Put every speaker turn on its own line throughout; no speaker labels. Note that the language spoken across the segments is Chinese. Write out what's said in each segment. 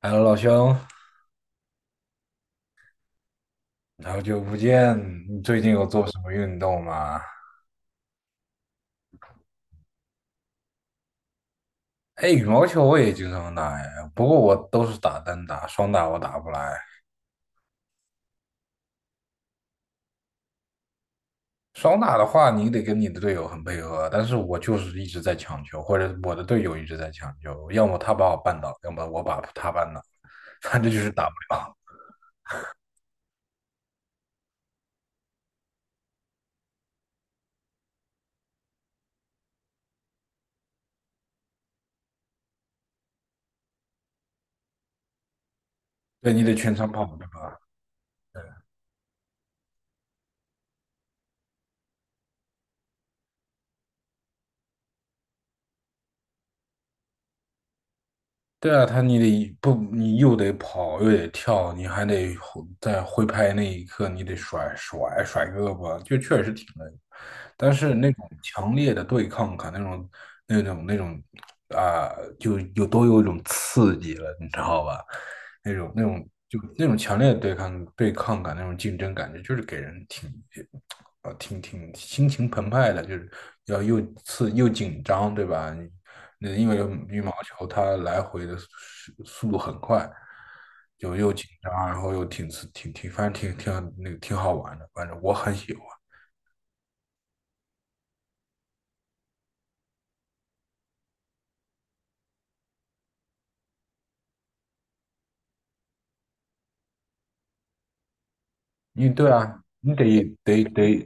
h e 老兄，好久不见！你最近有做什么运动吗？哎，羽毛球我也经常打哎，不过我都是打单打，双打我打不来。双打的话，你得跟你的队友很配合，但是我就是一直在抢球，或者我的队友一直在抢球，要么他把我绊倒，要么我把他绊倒，反正就是打不了。对，你得全场跑，对吧？对啊，他你得不，你又得跑，又得跳，你还得挥拍那一刻，你得甩胳膊，就确实挺累。但是那种强烈的对抗感，那种那种那种啊、就有都有一种刺激了，你知道吧？那种强烈的对抗感，那种竞争感觉，就是给人挺啊，挺挺心情澎湃的，就是又刺又紧张，对吧？那因为羽毛球它来回的速度很快，就又紧张，然后又挺刺，反正挺挺那个挺好玩的，反正我很喜欢。对啊，你得，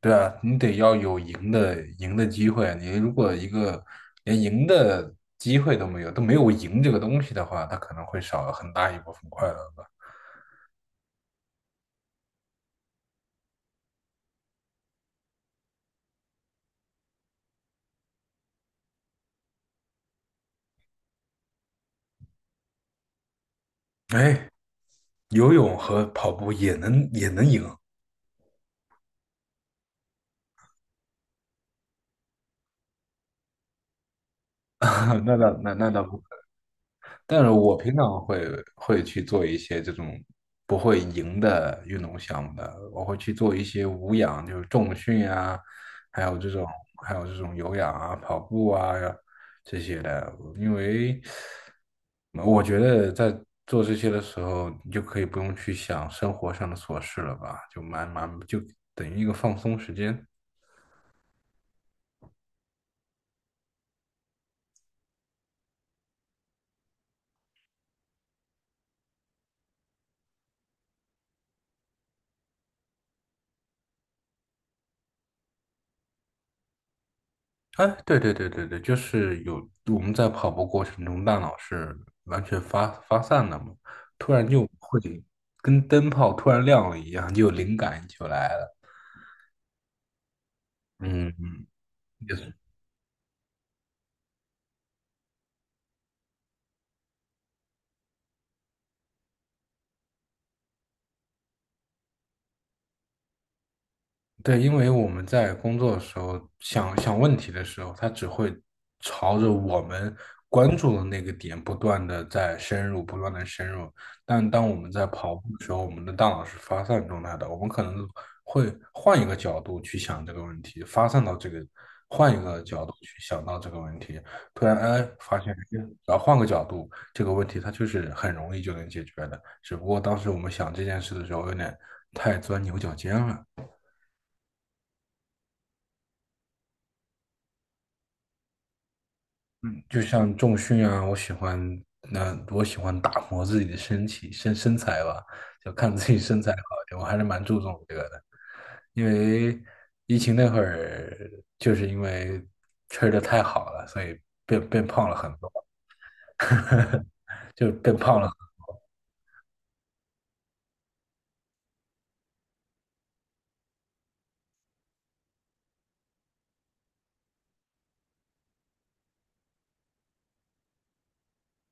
对啊，你得要有赢的机会啊。你如果一个连赢的机会都没有，都没有赢这个东西的话，它可能会少了很大一部分快乐吧。哎，游泳和跑步也能赢，那倒不，但是我平常会去做一些这种不会赢的运动项目的，我会去做一些无氧，就是重训啊，还有这种还有这种有氧啊、跑步啊这些的，因为我觉得在做这些的时候，你就可以不用去想生活上的琐事了吧，就蛮蛮就等于一个放松时间。哎，对对对对对，就是我们在跑步过程中，大脑是完全发散的嘛，突然就会跟灯泡突然亮了一样，就有灵感就来了。嗯，嗯，也是。对，因为我们在工作的时候想想问题的时候，它只会朝着我们关注的那个点不断的在深入，不断的深入。但当我们在跑步的时候，我们的大脑是发散状态的，我们可能会换一个角度去想这个问题，发散到这个，换一个角度去想到这个问题。突然，哎，发现，哎然后换个角度，这个问题它就是很容易就能解决的。只不过当时我们想这件事的时候，有点太钻牛角尖了。嗯，就像重训啊，我喜欢打磨自己的身体身身材吧，就看自己身材好一点，我还是蛮注重这个的。因为疫情那会儿，就是因为吃的太好了，所以变胖了很多，就变胖了。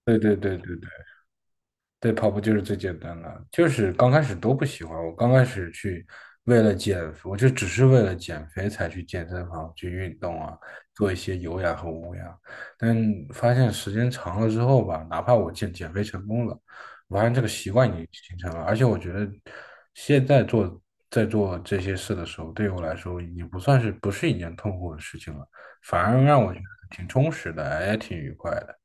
对对对对对对，跑步就是最简单的，就是刚开始都不喜欢。我刚开始去为了减，我就只是为了减肥才去健身房去运动啊，做一些有氧和无氧。但发现时间长了之后吧，哪怕我减肥成功了，我发现这个习惯已经形成了。而且我觉得现在做在做这些事的时候，对我来说已经不是一件痛苦的事情了，反而让我觉得挺充实的，也挺愉快的。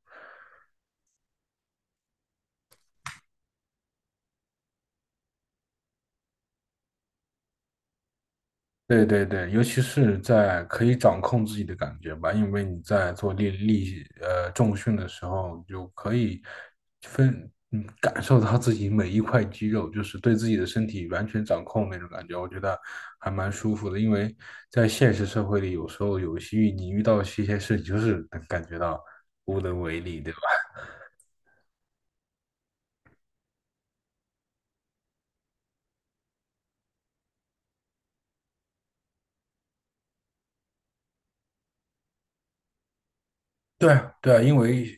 对对对，尤其是在可以掌控自己的感觉吧，因为你在做力力呃重训的时候，你就可以感受到自己每一块肌肉，就是对自己的身体完全掌控那种感觉，我觉得还蛮舒服的。因为在现实社会里，有时候有些你遇到一些事，就是能感觉到无能为力，对吧？对啊对啊，因为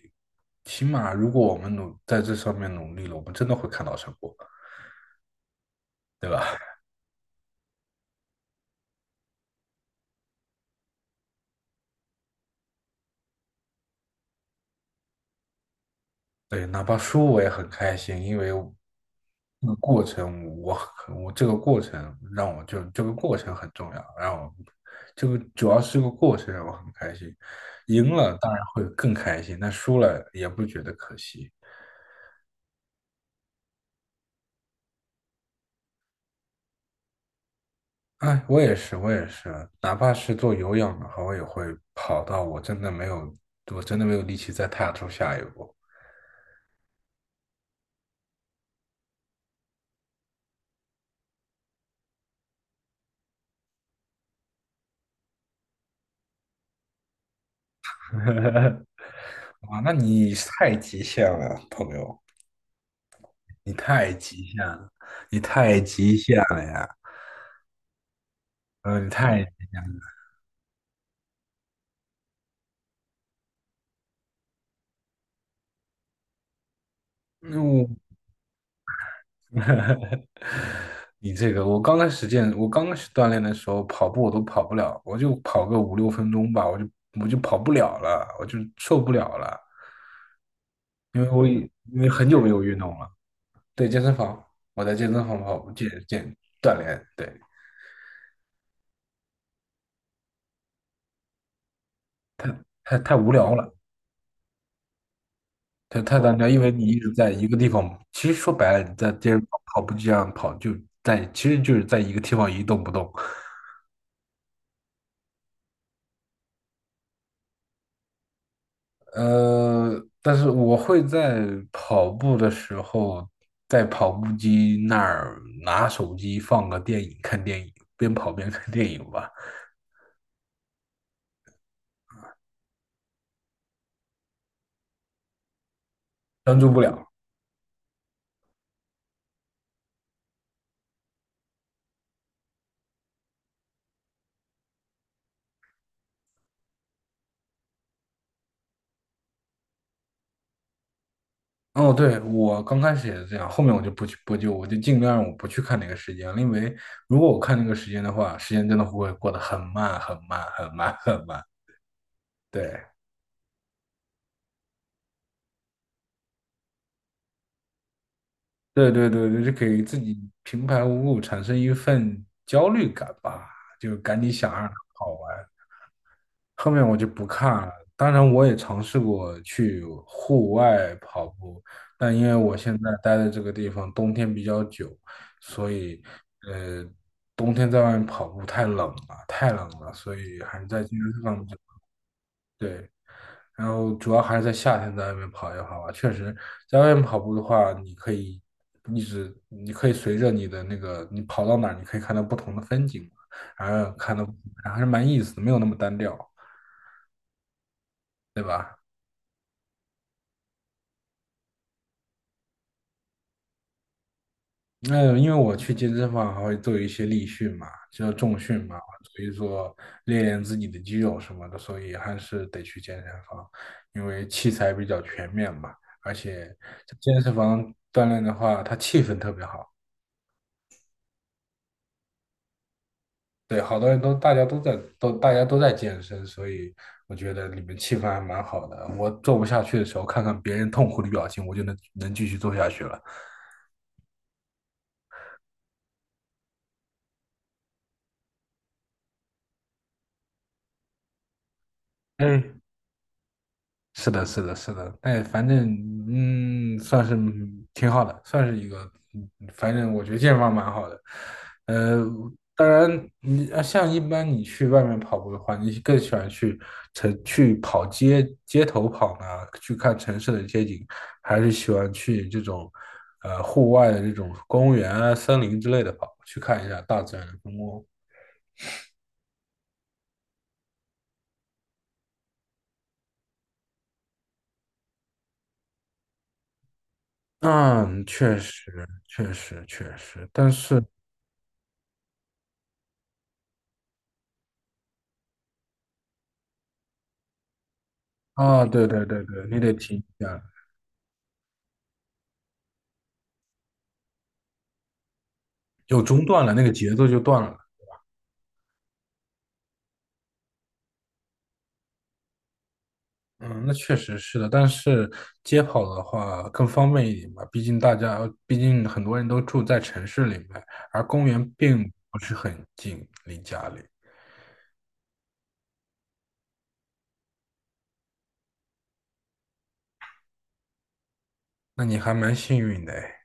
起码如果我们在这上面努力了，我们真的会看到成果。对吧？对，哪怕输我也很开心，因为这个过程我很，我这个过程让我就这个过程很重要，让我这个主要是个过程让我很开心，赢了当然会更开心，但输了也不觉得可惜。哎，我也是，我也是，哪怕是做有氧的话，我也会跑到我真的没有，我真的没有力气再踏出下一步。啊，那你太极限了，朋友。你太极限了，你太极限了呀！嗯，你太，嗯我 你这个，我刚开始锻炼的时候，跑步我都跑不了，我就跑个五六分钟吧，我就跑不了了，我就受不了了，因为因为很久没有运动了。对，健身房，我在健身房跑步锻炼，对，太无聊了，太单调，因为你一直在一个地方，其实说白了，你在健身房跑步机上跑，其实就是在一个地方一动不动。但是我会在跑步的时候，在跑步机那儿拿手机放个电影，看电影，边跑边看电影吧，专注不了。哦，对，我刚开始也是这样，后面我就尽量不去看那个时间了，因为如果我看那个时间的话，时间真的会过得很慢很慢很慢很慢。对，对对对对，就给自己平白无故产生一份焦虑感吧，就赶紧想让它跑完。后面我就不看了。当然，我也尝试过去户外跑步，但因为我现在待的这个地方冬天比较久，所以呃，冬天在外面跑步太冷了，太冷了，所以还是在健身房比较对。然后主要还是在夏天在外面跑一跑吧。确实，在外面跑步的话，你可以一直，你可以随着你的那个，你跑到哪儿，你可以看到不同的风景嘛，然后看到还是蛮有意思的，没有那么单调，对吧？那因为我去健身房还会做一些力训嘛，就是重训嘛，所以说练练自己的肌肉什么的，所以还是得去健身房，因为器材比较全面嘛，而且在健身房锻炼的话，它气氛特别好，对，好多人都大家都在健身，所以我觉得里面气氛还蛮好的。我做不下去的时候，看看别人痛苦的表情，我就能继续做下去了。嗯。是的，是的，是的，哎，反正算是挺好的，算是一个，反正我觉得健身房蛮好的。呃，当然，像一般你去外面跑步的话，你更喜欢去城去跑街街头跑呢，去看城市的街景，还是喜欢去户外的这种公园啊、森林之类的跑，去看一下大自然的风光？嗯，确实，确实，确实，但是。啊，对对对对，你得停一下，有中断了，那个节奏就断了。嗯，那确实是的，但是街跑的话更方便一点吧，毕竟很多人都住在城市里面，而公园并不是很近离家里。那你还蛮幸运的哎，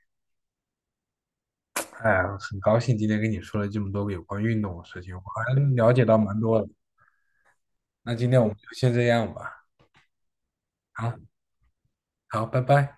哎呀很高兴今天跟你说了这么多有关运动的事情，我还了解到蛮多的。那今天我们就先这样吧，好，好，拜拜。